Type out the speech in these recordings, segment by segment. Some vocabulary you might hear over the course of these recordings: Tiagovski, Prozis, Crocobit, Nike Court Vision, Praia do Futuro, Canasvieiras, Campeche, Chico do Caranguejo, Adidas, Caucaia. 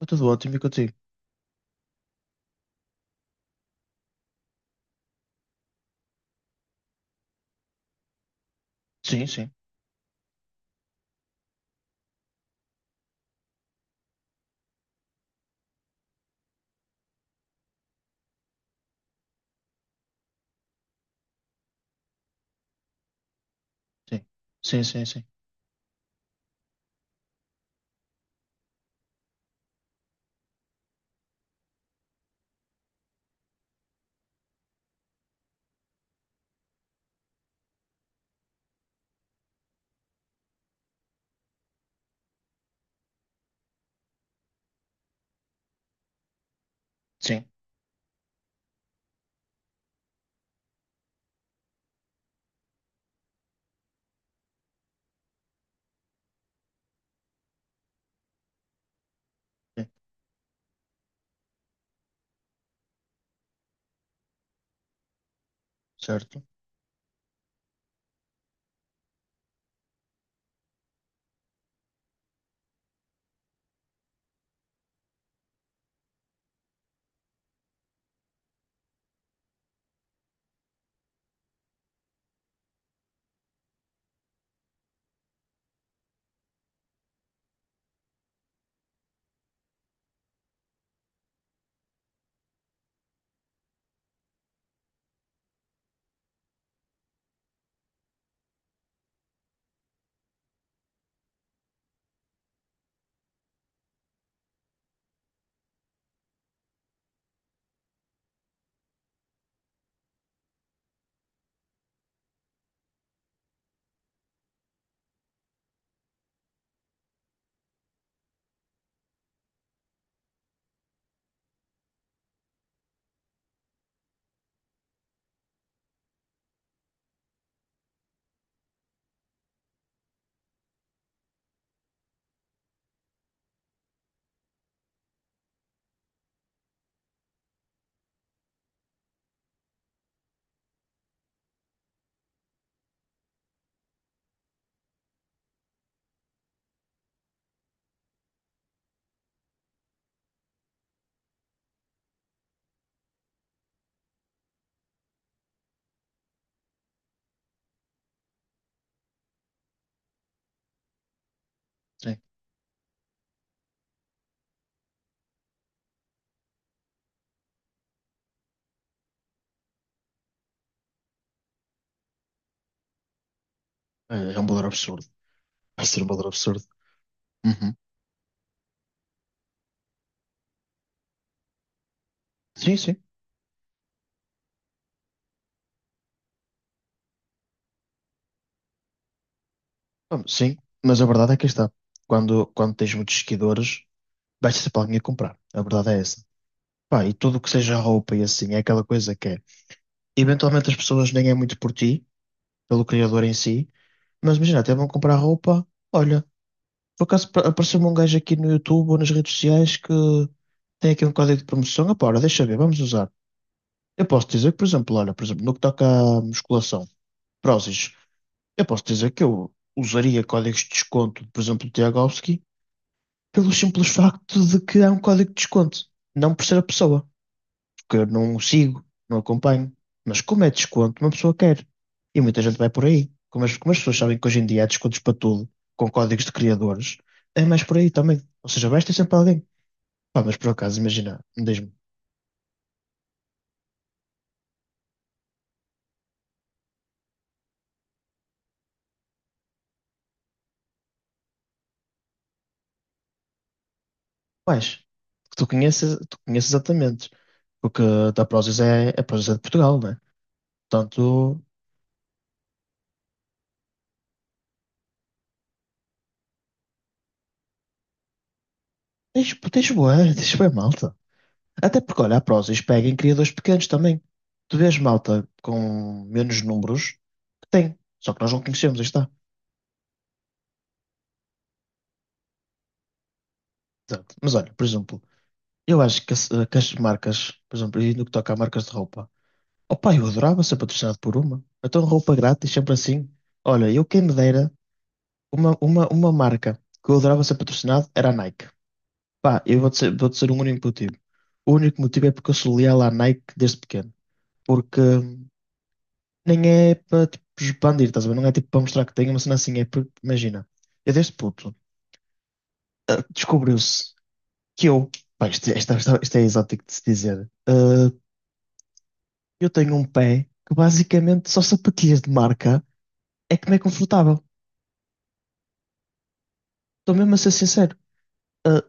Está tudo ótimo e contigo? Sim, sim, sim. Sim, sim, sim. Sim, sim. Certo. Sim. É, é um valor absurdo. Vai ser um valor absurdo. Uhum. Sim, sim. Bom, sim. Mas a verdade é que está. Quando tens muitos seguidores, vais ser para alguém a comprar. A verdade é essa. Pá, e tudo o que seja roupa e assim, é aquela coisa que é. Eventualmente as pessoas nem é muito por ti, pelo criador em si, mas imagina, até vão comprar roupa. Olha, por acaso apareceu-me um gajo aqui no YouTube ou nas redes sociais que tem aqui um código de promoção. Ah, pá, ora, deixa eu ver, vamos usar. Eu posso dizer que, por exemplo, olha, por exemplo, no que toca à musculação, prósis, eu posso dizer que eu usaria códigos de desconto, por exemplo, do Tiagovski, pelo simples facto de que há um código de desconto, não por ser a pessoa, porque eu não o sigo, não acompanho, mas como é desconto, uma pessoa quer. E muita gente vai por aí. Como as pessoas sabem que hoje em dia há descontos para tudo, com códigos de criadores, é mais por aí também. Ou seja, vais ter sempre alguém. Pá, mas por acaso, imagina, diz-me, quais? Que tu conheces exatamente. Porque a da Prozis é, a Prozis é de Portugal, né? Portanto, tens boa, tens boa malta. Até porque, olha, a Prozis pega em criadores pequenos também. Tu vês malta com menos números que tem. Só que nós não conhecemos, aí está. Exato. Mas olha, por exemplo, eu acho que, que as marcas, por exemplo, e no que toca a marcas de roupa, opa eu adorava ser patrocinado por uma. Então, roupa grátis, sempre assim. Olha, eu quem me dera, uma marca que eu adorava ser patrocinado era a Nike. Pá, eu vou dizer um único motivo. O único motivo é porque eu sou leal à Nike desde pequeno. Porque nem é para tipo, expandir, estás a ver? Não é tipo para mostrar que tenho uma cena assim. É porque, imagina, eu desde puto descobriu-se que eu, pá, isto é exótico de se dizer. Eu tenho um pé que basicamente só sapatilhas de marca é que me é confortável. Estou mesmo a ser sincero. Uh,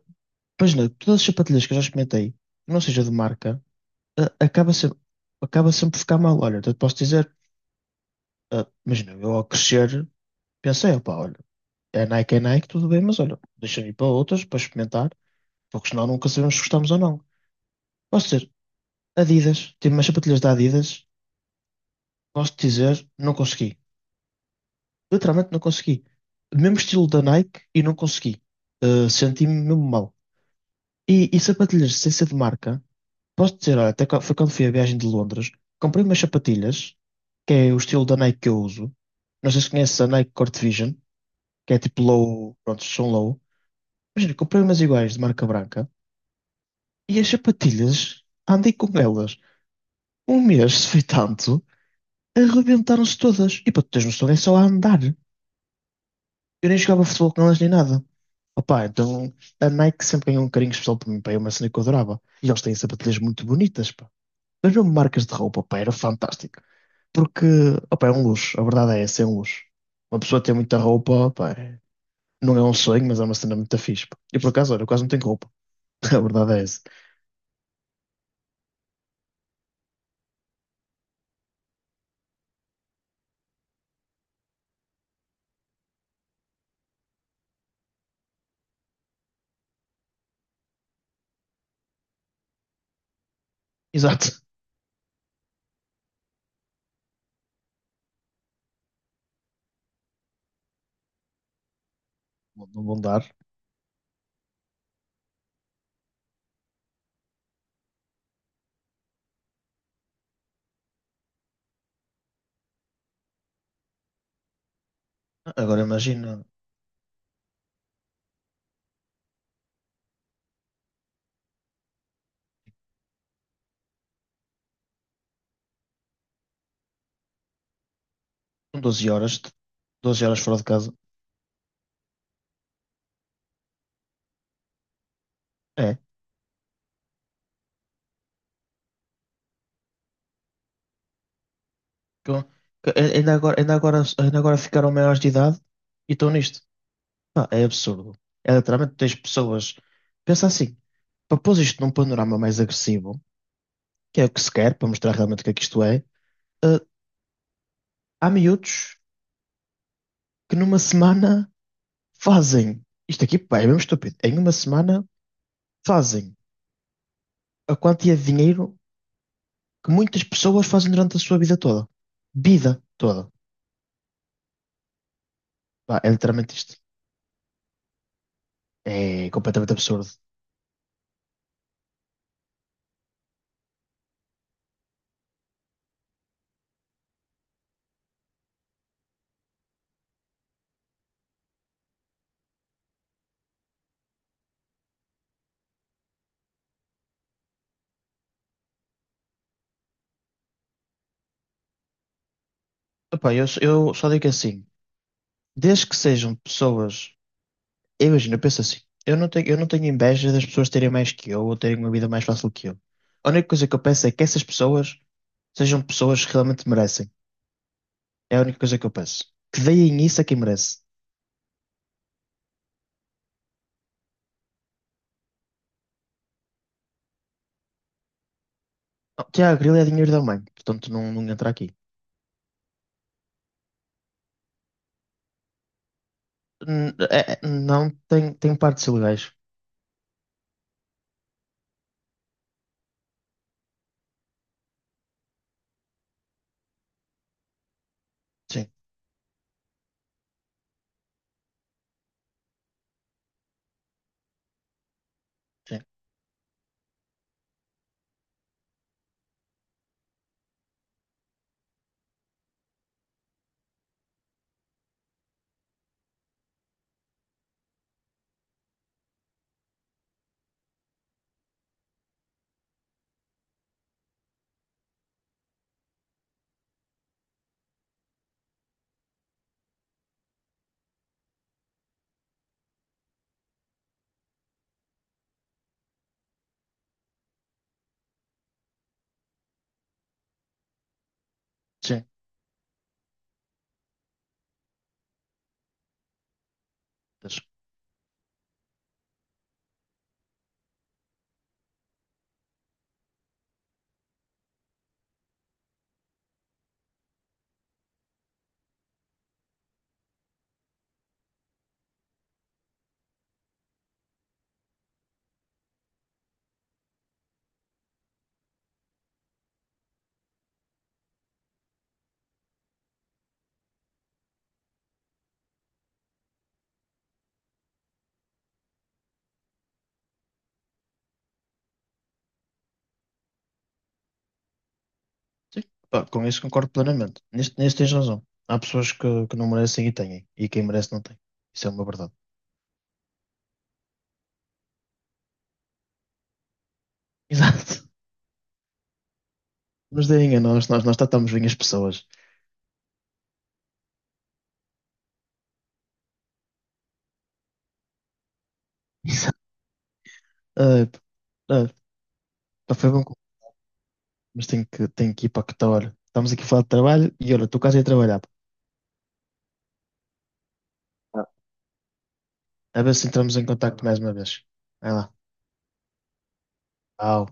Imagina, todas as sapatilhas que eu já experimentei, que não seja de marca, uh, acaba sempre, acaba sempre por ficar mal. Olha, eu te posso dizer. Ah, imagina, eu ao crescer pensei, opá, olha, é Nike, tudo bem, mas olha, deixa-me ir para outras para experimentar, porque senão nunca sabemos se gostamos ou não. Posso dizer, Adidas, tive umas sapatilhas da Adidas, posso te dizer, não consegui. Literalmente não consegui. Mesmo estilo da Nike e não consegui. Ah, senti-me mesmo mal. E sapatilhas sem ser de marca, posso dizer, olha, até foi quando fui à viagem de Londres, comprei umas sapatilhas, que é o estilo da Nike que eu uso. Não sei se conheces a Nike Court Vision, que é tipo low, pronto, são low. Imagina, comprei umas iguais de marca branca e as sapatilhas, andei com elas um mês, se foi tanto, arrebentaram-se todas. E para tu teres noção, é só a andar. Eu nem jogava futebol com elas nem nada. Opa, então a Nike sempre ganhou um carinho especial para mim, pá, é uma cena que eu adorava. E eles têm sapatilhas muito bonitas, pá. Mas mesmo marcas de roupa, pá, era fantástico. Porque, opa, é um luxo, a verdade é essa, é um luxo. Uma pessoa ter muita roupa, pá, não é um sonho, mas é uma cena muito fixe, pá. E por acaso, olha, eu quase não tenho roupa, a verdade é essa. Exato. Não vão dar. Agora imagina, com 12 horas, 12 horas fora de casa. É. Com- Ainda agora, ainda agora ficaram maiores de idade e estão nisto. Pá, é absurdo. É literalmente tens pessoas. Pensa assim, para pôr isto num panorama mais agressivo, que é o que se quer, para mostrar realmente o que é que isto é, eh, há miúdos que numa semana fazem. Isto aqui, pá, é mesmo estúpido. Em uma semana fazem a quantia de dinheiro que muitas pessoas fazem durante a sua vida toda. Vida toda. Pá, é literalmente isto. É completamente absurdo. Epá, eu só digo assim, desde que sejam pessoas. Eu imagino, eu penso assim, eu não tenho inveja das pessoas terem mais que eu ou terem uma vida mais fácil que eu. A única coisa que eu penso é que essas pessoas sejam pessoas que realmente merecem. É a única coisa que eu penso. Que deem isso a quem merece. Oh, Tiago, Grilo é dinheiro da mãe, portanto não, não entra aqui. N- não, tem, tem partes ilegais. Sim, sim, sim. Sim, pá, com isso concordo plenamente. Nisto, nisso tens razão. Há pessoas que não merecem e têm, e quem merece não tem. Isso é uma verdade. Exato. Mas deem a nós, nós tratamos bem as pessoas. Ah, ah, pá, foi bom, mas tenho que ir para que tal hora. Estamos aqui a falar de trabalho e olha, tu quase ia trabalhar. Pá. A ver se entramos em contacto mais uma vez. Vai lá. Tchau.